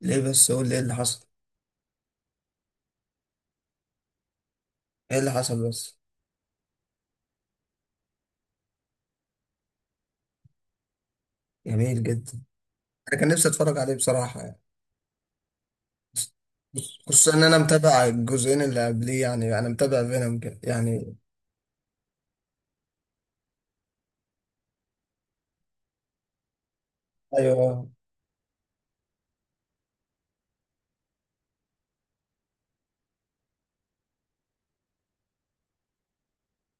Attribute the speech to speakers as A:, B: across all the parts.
A: ليه بس؟ قول لي ايه اللي حصل. ايه اللي حصل بس؟ جميل جدا. انا كان نفسي اتفرج عليه بصراحة يعني. بص- خصوصا ان انا متابع الجزئين اللي قبليه، يعني انا متابع فينوم كده يعني. ايوه.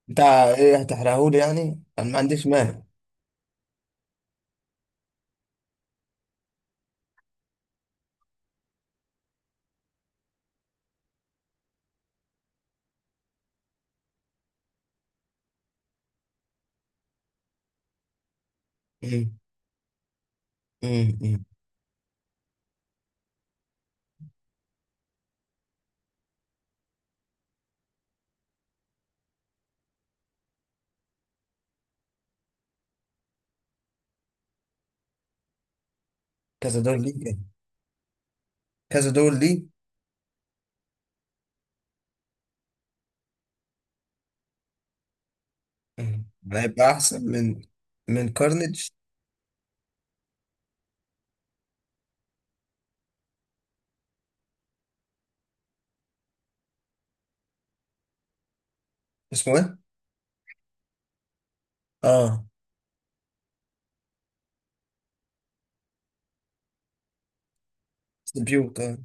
A: بتاع ايه؟ هتحرقهولي يعني؟ انا ما عنديش مانع. أمم، أمم، أمم. كذا دور ليه كده؟ كذا دور ليه؟ أمم. هيبقى احسن من كارنيج. اسمه ايه؟ اه. سبيوت، اه.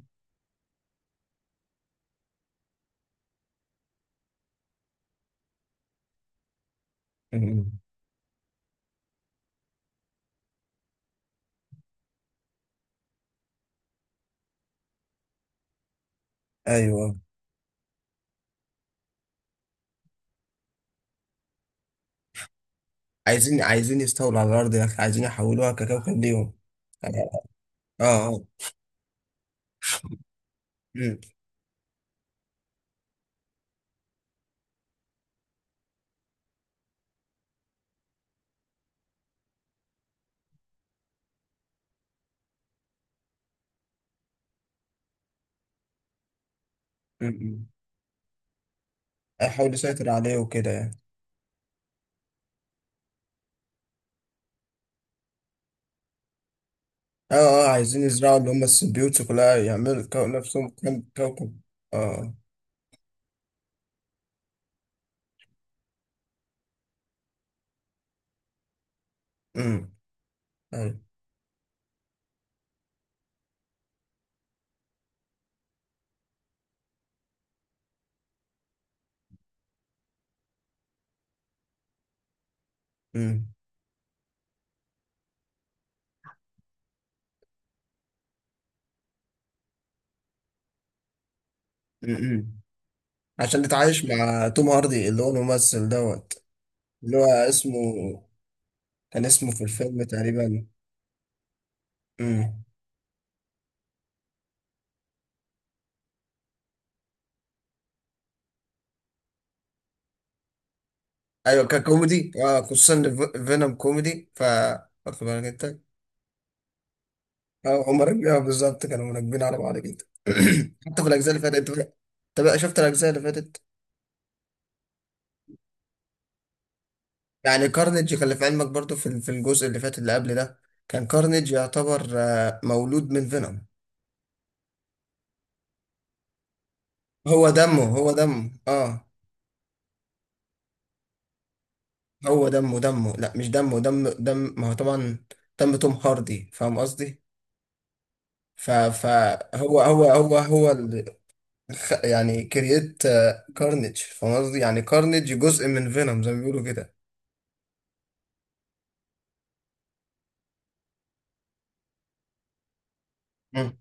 A: أمم. ايوه. عايزين يستولوا على الارض يا اخي، عايزين يحولوها ككوكب ليهم. اه، اه. مم. مم. احاول اسيطر عليه وكده يعني. اه، اه، عايزين يزرعوا اللي هم السيمبيوتس كلها، يعملوا نفسهم كم كوكب. اه. امم. أيوة. امم، امم. عشان نتعايش مع توم هاردي اللي هو الممثل دوت. اللي هو اسمه، كان اسمه في الفيلم تقريبا. امم. ايوه، ككوميدي، اه، خصوصا إن فينوم كوميدي. واخد بالك انت؟ اه، هم راكبين، بالظبط كانوا راكبين على بعض جدا. حتى في الاجزاء اللي فاتت انت بقى. أنت بقى شفت الاجزاء اللي فاتت؟ يعني كارنيج كان في علمك برضو، في الجزء اللي فات اللي قبل ده؟ كان كارنيج يعتبر مولود من فينوم. هو دمه، هو دمه، اه. هو دمه لا، مش دمه، دم ما هو طبعا. دم توم هاردي، فاهم قصدي؟ فهو هو اللي يعني كرييت كارنيج، فاهم قصدي؟ يعني كارنيج جزء من فينوم زي ما بيقولوا كده. مم.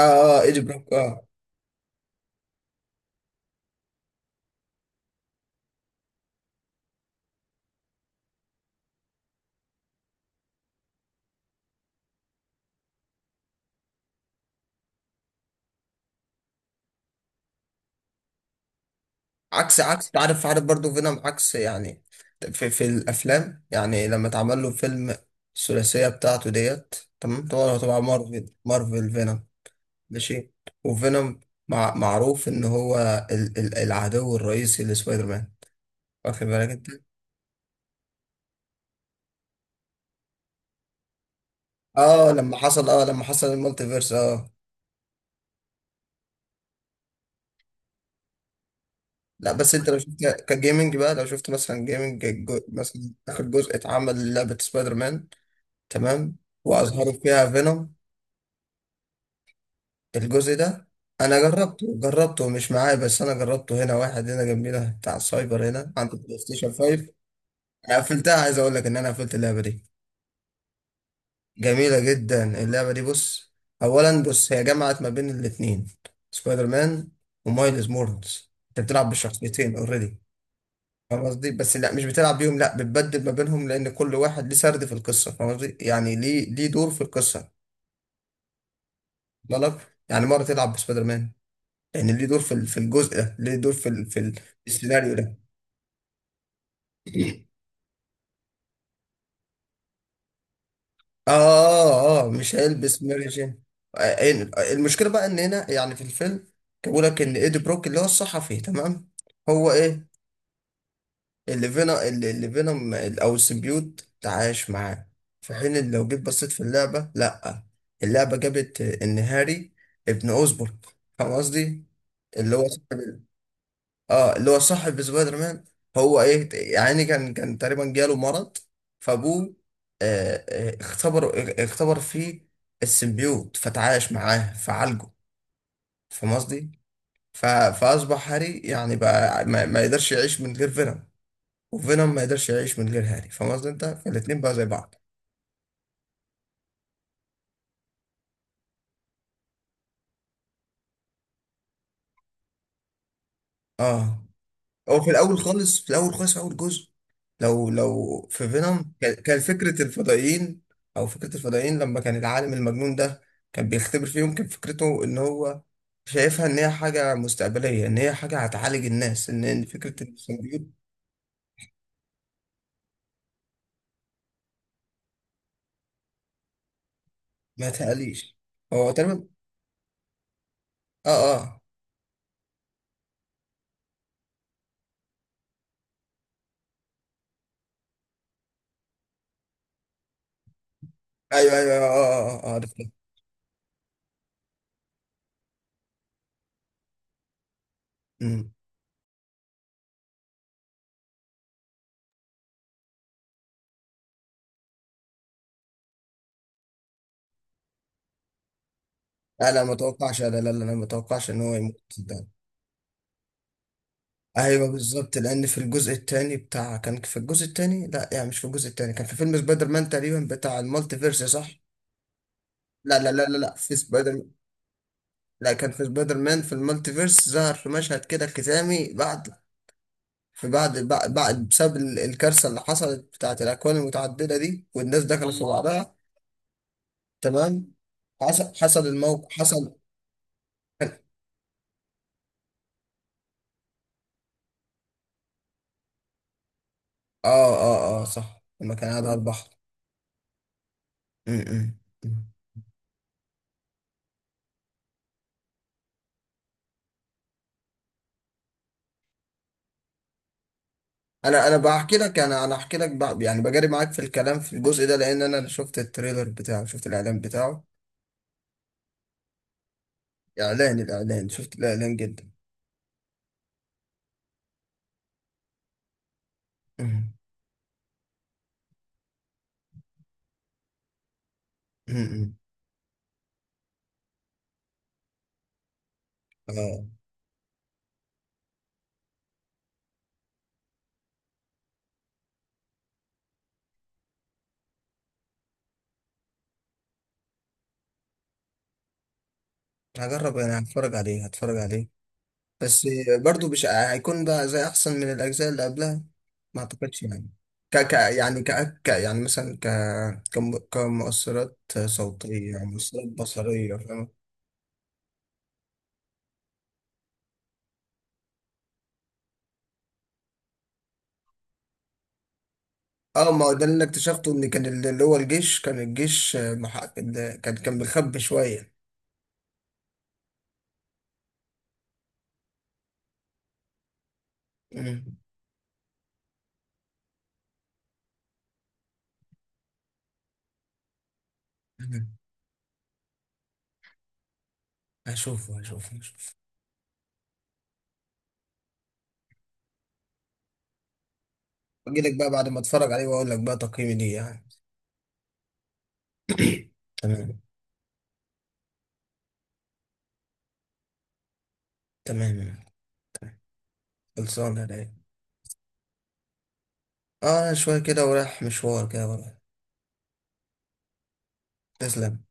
A: اه، اه، ايجي بروك، اه. عكس عارف برضو فينوم عكس يعني في الافلام يعني، لما اتعمل له فيلم الثلاثيه بتاعته ديت. تمام، طبعا طبعا، مارفل فينوم، ماشي. وفينوم، معروف ان هو ال ال العدو الرئيسي لسبايدر مان، واخد بالك انت؟ اه، لما حصل المالتي فيرس، اه. لا، بس انت لو شفت كجيمنج بقى، لو شفت مثلا جيمنج، مثلا اخر جزء اتعمل لعبه سبايدر مان، تمام. واظهروا فيها فينوم. الجزء ده، انا جربته، مش معايا، بس انا جربته هنا، واحد هنا جنبينا بتاع السايبر، هنا عند البلاي ستيشن 5. انا قفلتها، عايز اقول لك ان انا قفلت اللعبه دي. جميله جدا اللعبه دي، بص. اولا بص، هي جمعت ما بين الاثنين، سبايدر مان ومايلز مورنز. انت بتلعب بالشخصيتين اوريدي، فاهم قصدي؟ بس لا، مش بتلعب بيهم، لا، بتبدل ما بينهم لان كل واحد ليه سرد في القصه، فاهم قصدي؟ يعني ليه دور في القصه، بالك، يعني مره تلعب بسبايدر مان لان ليه دور في في الجزء ده، ليه دور في في في السيناريو ده. اه، اه، مش هيلبس ماري جين. آه، المشكله بقى ان هنا يعني في الفيلم، كان بيقول لك ان ايدي بروك اللي هو الصحفي، تمام. هو ايه اللي فينا، اللي فينوم او السيمبيوت تعايش معاه، في حين إن لو جيت بصيت في اللعبه، لا. اللعبه جابت ان هاري، ابن اوزبورغ، فاهم قصدي؟ اللي هو صاحب، اه، اللي هو صاحب سبايدر مان. هو ايه؟ يعني إيه، كان تقريبا جاله مرض، فابوه، آه، آه، اختبر اختبر فيه السيمبيوت، فتعايش معاه فعالجه. فاهم قصدي؟ ف- فاصبح هاري، يعني بقى ما يقدرش يعيش من غير فينوم، وفينوم ما يقدرش يعيش من غير هاري، فاهم قصدي انت؟ فالاتنين بقى زي بعض. اه، هو في الاول خالص، في الاول خالص، في اول جزء لو في فينوم، كان فكره الفضائيين، او فكره الفضائيين، لما كان العالم المجنون ده كان بيختبر فيهم، كان فكرته ان هو شايفها ان هي حاجه مستقبليه، ان هي حاجه هتعالج الناس، ان فكره السيمبيوت. ما تقليش. هو تمام. اه، اه، ايوه، ايوه، اه، اه، اه، آه، عرفت. أمم. لا، لا، ما توقعش، لا، لا، لا، لا، ما توقعش ان هو يموت ده. ايوه، بالظبط، لان في الجزء الثاني بتاع، كان في الجزء الثاني، لا يعني مش في الجزء الثاني، كان في فيلم سبايدر مان تقريبا بتاع المالتي فيرس، صح؟ لا، لا، لا، لا، لا، في سبايدر، لا، كان في سبايدر مان في المالتي فيرس، ظهر في مشهد كده ختامي بعد، في بعد، بسبب الكارثه اللي حصلت بتاعت الاكوان المتعدده دي والناس دخلت في الله بعضها، تمام. حصل حصل الموقف حصل. اه، اه، اه، صح، لما كان قاعد على البحر. م- م- م. انا بحكي لك، انا احكي لك بقى، يعني بجري معاك في الكلام في الجزء ده لان انا شفت التريلر بتاعه، شفت الاعلان بتاعه. الاعلان، شفت الاعلان جدا. أمم، أمم. اه، هجرب، انا هتفرج عليه، هتفرج عليه بس. برضو مش هيكون بقى زي احسن من الاجزاء اللي قبلها؟ ما اعتقدش يعني. ك ك يعني ك ك يعني مثلا كمؤثرات صوتية، مؤثرات بصرية، فاهم؟ اه، ما هو ده اللي أنا اكتشفته، ان كان اللي هو الجيش، كان الجيش، آه، كان مخبي شويه. مم. مم. هشوفه، هشوفه، هشوفه. اجي لك بقى بعد ما اتفرج عليه، واقول لك بقى تقييمي ليه، يعني. تمام. تمام، خلصانه يا رايق. اه، شويه كده ورايح مشوار كده ورايح. تسلم.